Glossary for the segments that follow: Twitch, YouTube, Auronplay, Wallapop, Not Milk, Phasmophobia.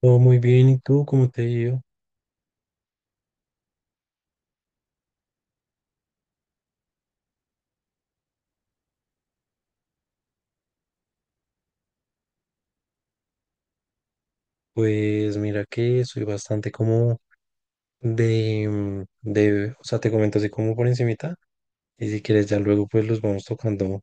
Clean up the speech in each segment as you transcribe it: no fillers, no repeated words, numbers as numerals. Todo muy bien, ¿y tú cómo te ha ido? Pues mira que soy bastante como o sea, te comento así como por encimita, y si quieres ya luego pues los vamos tocando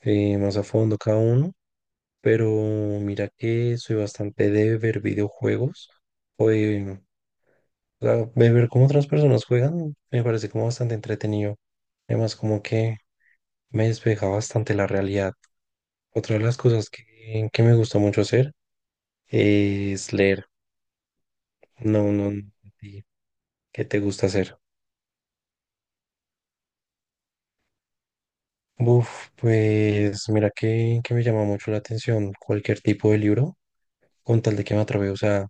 más a fondo cada uno, pero mira que soy bastante de ver videojuegos, o de, o sea, de ver cómo otras personas juegan, me parece como bastante entretenido, además como que me despeja bastante la realidad. Otra de las cosas que me gusta mucho hacer es leer. No, no, no. ¿a ti ¿Qué te gusta hacer? Uf, pues mira que me llama mucho la atención cualquier tipo de libro, con tal de que me atrape, o sea,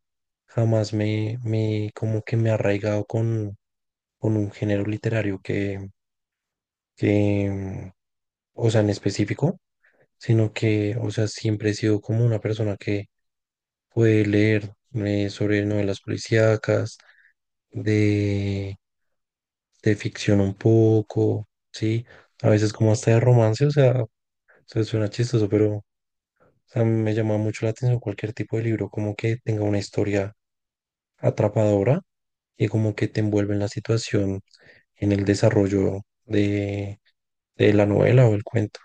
jamás me como que me he arraigado con un género literario que, o sea, en específico, sino que, o sea, siempre he sido como una persona que puede leer sobre novelas policíacas, de, de ficción un poco, ¿sí? A veces como hasta de romance, o sea... O sea, suena chistoso, pero o sea, me llama mucho la atención cualquier tipo de libro, como que tenga una historia atrapadora y como que te envuelve en la situación, en el desarrollo de, de la novela o el cuento.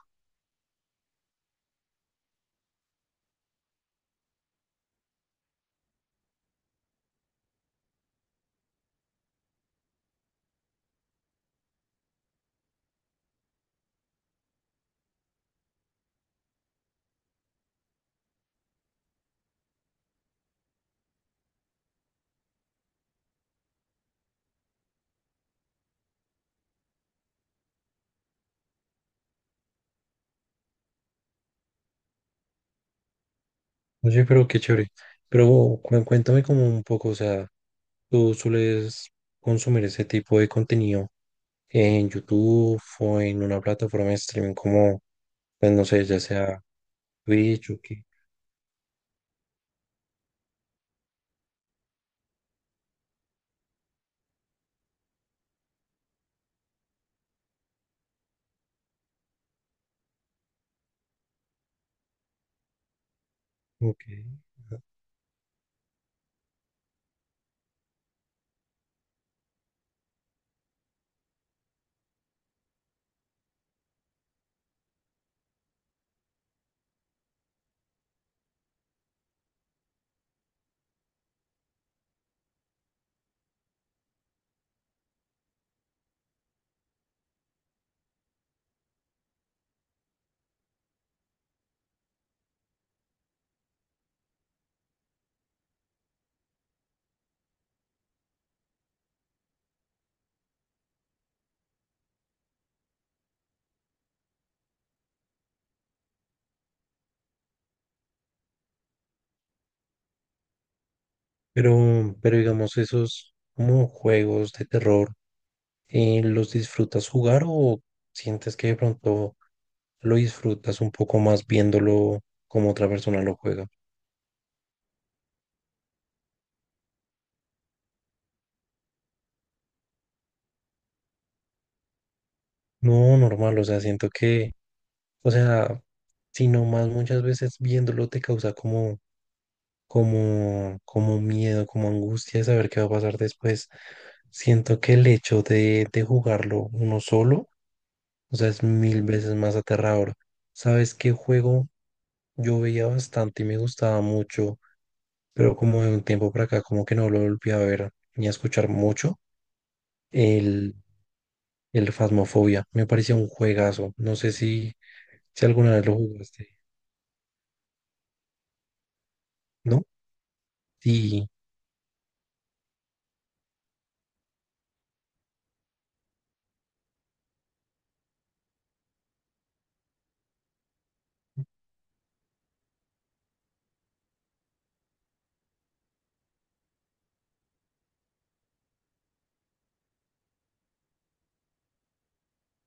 Oye, pero qué chévere. Pero cuéntame como un poco, o sea, ¿tú sueles consumir ese tipo de contenido en YouTube o en una plataforma de streaming como, pues no sé, ya sea Twitch o qué? Ok. Pero digamos, esos como juegos de terror, ¿los disfrutas jugar o sientes que de pronto lo disfrutas un poco más viéndolo como otra persona lo juega? No, normal, o sea, siento que, o sea, sino más muchas veces viéndolo te causa como, como, como miedo, como angustia de saber qué va a pasar después. Siento que el hecho de jugarlo uno solo, o sea, es mil veces más aterrador. ¿Sabes qué juego? Yo veía bastante y me gustaba mucho, pero como de un tiempo para acá, como que no lo volví a ver ni a escuchar mucho. El, el Phasmophobia me parecía un juegazo. No sé si, si alguna vez lo jugaste, ¿no? Y,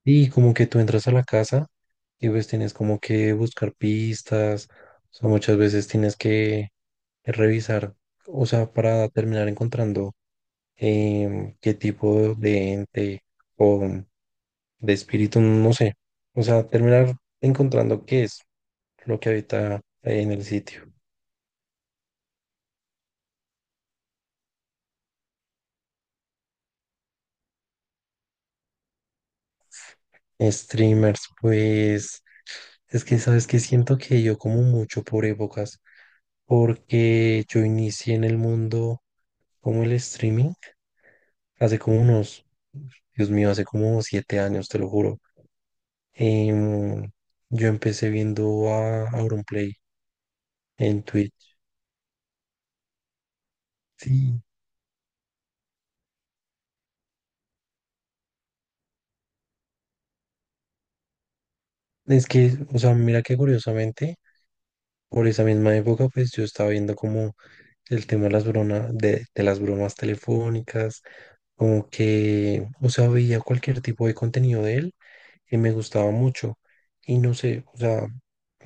y como que tú entras a la casa y pues tienes como que buscar pistas, o sea, muchas veces tienes que revisar, o sea, para terminar encontrando qué tipo de ente o de espíritu, no sé. O sea, terminar encontrando qué es lo que habita ahí en el sitio. Streamers, pues es que sabes que siento que yo como mucho por épocas, porque yo inicié en el mundo como el streaming hace como unos, Dios mío, hace como 7 años, te lo juro. Em, yo empecé viendo a Auronplay en Twitch. Sí. Es que, o sea, mira que curiosamente por esa misma época, pues yo estaba viendo como el tema de las bromas, de las bromas telefónicas, como que, o sea, veía cualquier tipo de contenido de él y me gustaba mucho. Y no sé, o sea,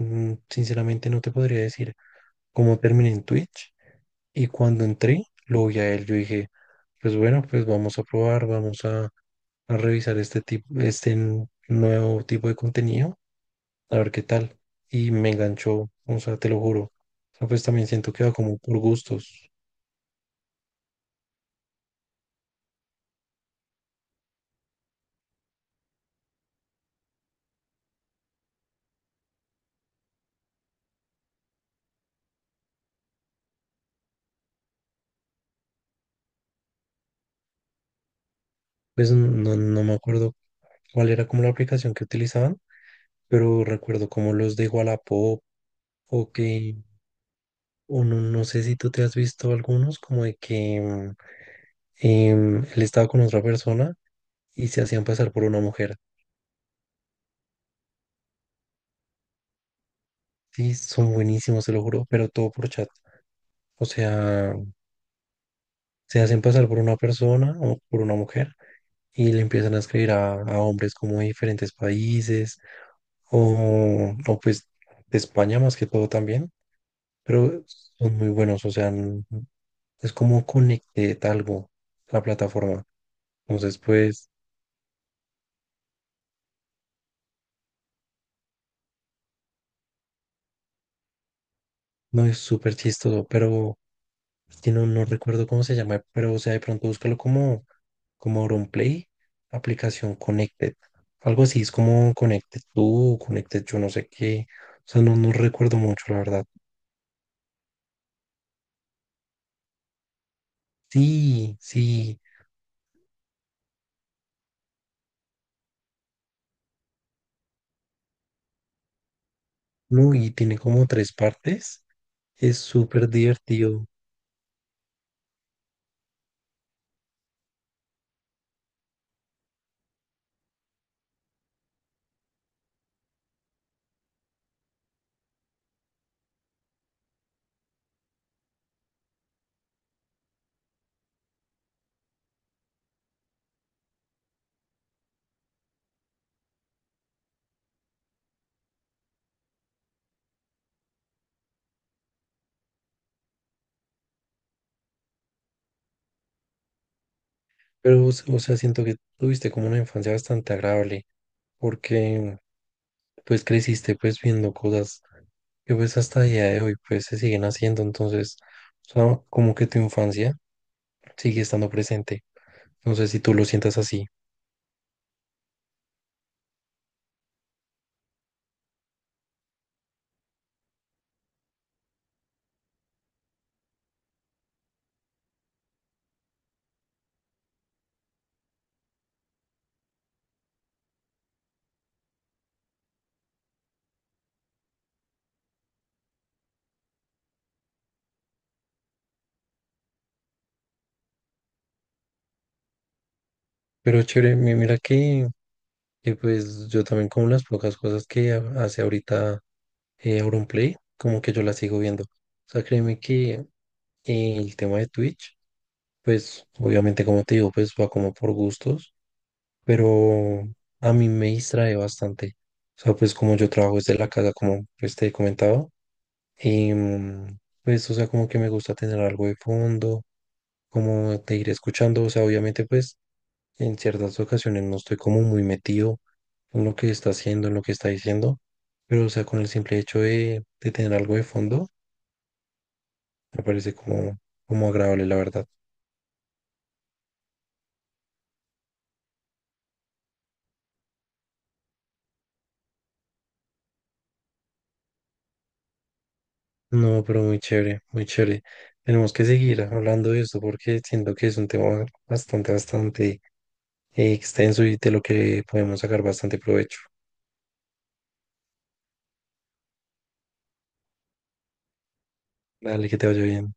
sinceramente no te podría decir cómo terminé en Twitch. Y cuando entré, lo vi a él, yo dije, pues bueno, pues vamos a probar, a revisar este tipo, nuevo tipo de contenido a ver qué tal. Y me enganchó, o sea, te lo juro. O sea, pues también siento que va como por gustos. Pues no, no me acuerdo cuál era como la aplicación que utilizaban, pero recuerdo como los de Wallapop o que, o no, no sé si tú te has visto algunos, como de que él estaba con otra persona y se hacían pasar por una mujer. Sí, son buenísimos, te lo juro, pero todo por chat. O sea, se hacen pasar por una persona o por una mujer y le empiezan a escribir a hombres como de diferentes países o pues de España más que todo también, pero son muy buenos, o sea, es como Connected algo, la plataforma. Entonces, pues, no es súper chistoso, pero es que no, no recuerdo cómo se llama, pero o sea, de pronto búscalo como, como AuronPlay, aplicación Connected. Algo así, es como Connected tú, Connected yo no sé qué. O sea, no, no recuerdo mucho, la verdad. Sí, sí. No, y tiene como tres partes. Es súper divertido. Pero, o sea, siento que tuviste como una infancia bastante agradable, porque pues creciste pues viendo cosas que pues hasta el día de hoy pues se siguen haciendo. Entonces, o sea, como que tu infancia sigue estando presente. No sé si tú lo sientas así, pero chévere, mira que pues yo también con las pocas cosas que hace ahorita Auronplay, como que yo las sigo viendo. O sea, créeme que el tema de Twitch, pues obviamente como te digo, pues va como por gustos, pero a mí me distrae bastante. O sea, pues como yo trabajo desde la casa, como pues te he comentado, pues o sea, como que me gusta tener algo de fondo, como te iré escuchando, o sea, obviamente pues en ciertas ocasiones no estoy como muy metido en lo que está haciendo, en lo que está diciendo, pero o sea, con el simple hecho de tener algo de fondo, me parece como, como agradable, la verdad. No, pero muy chévere, muy chévere. Tenemos que seguir hablando de esto porque siento que es un tema bastante, bastante extenso y de lo que podemos sacar bastante provecho. Dale, que te vaya bien.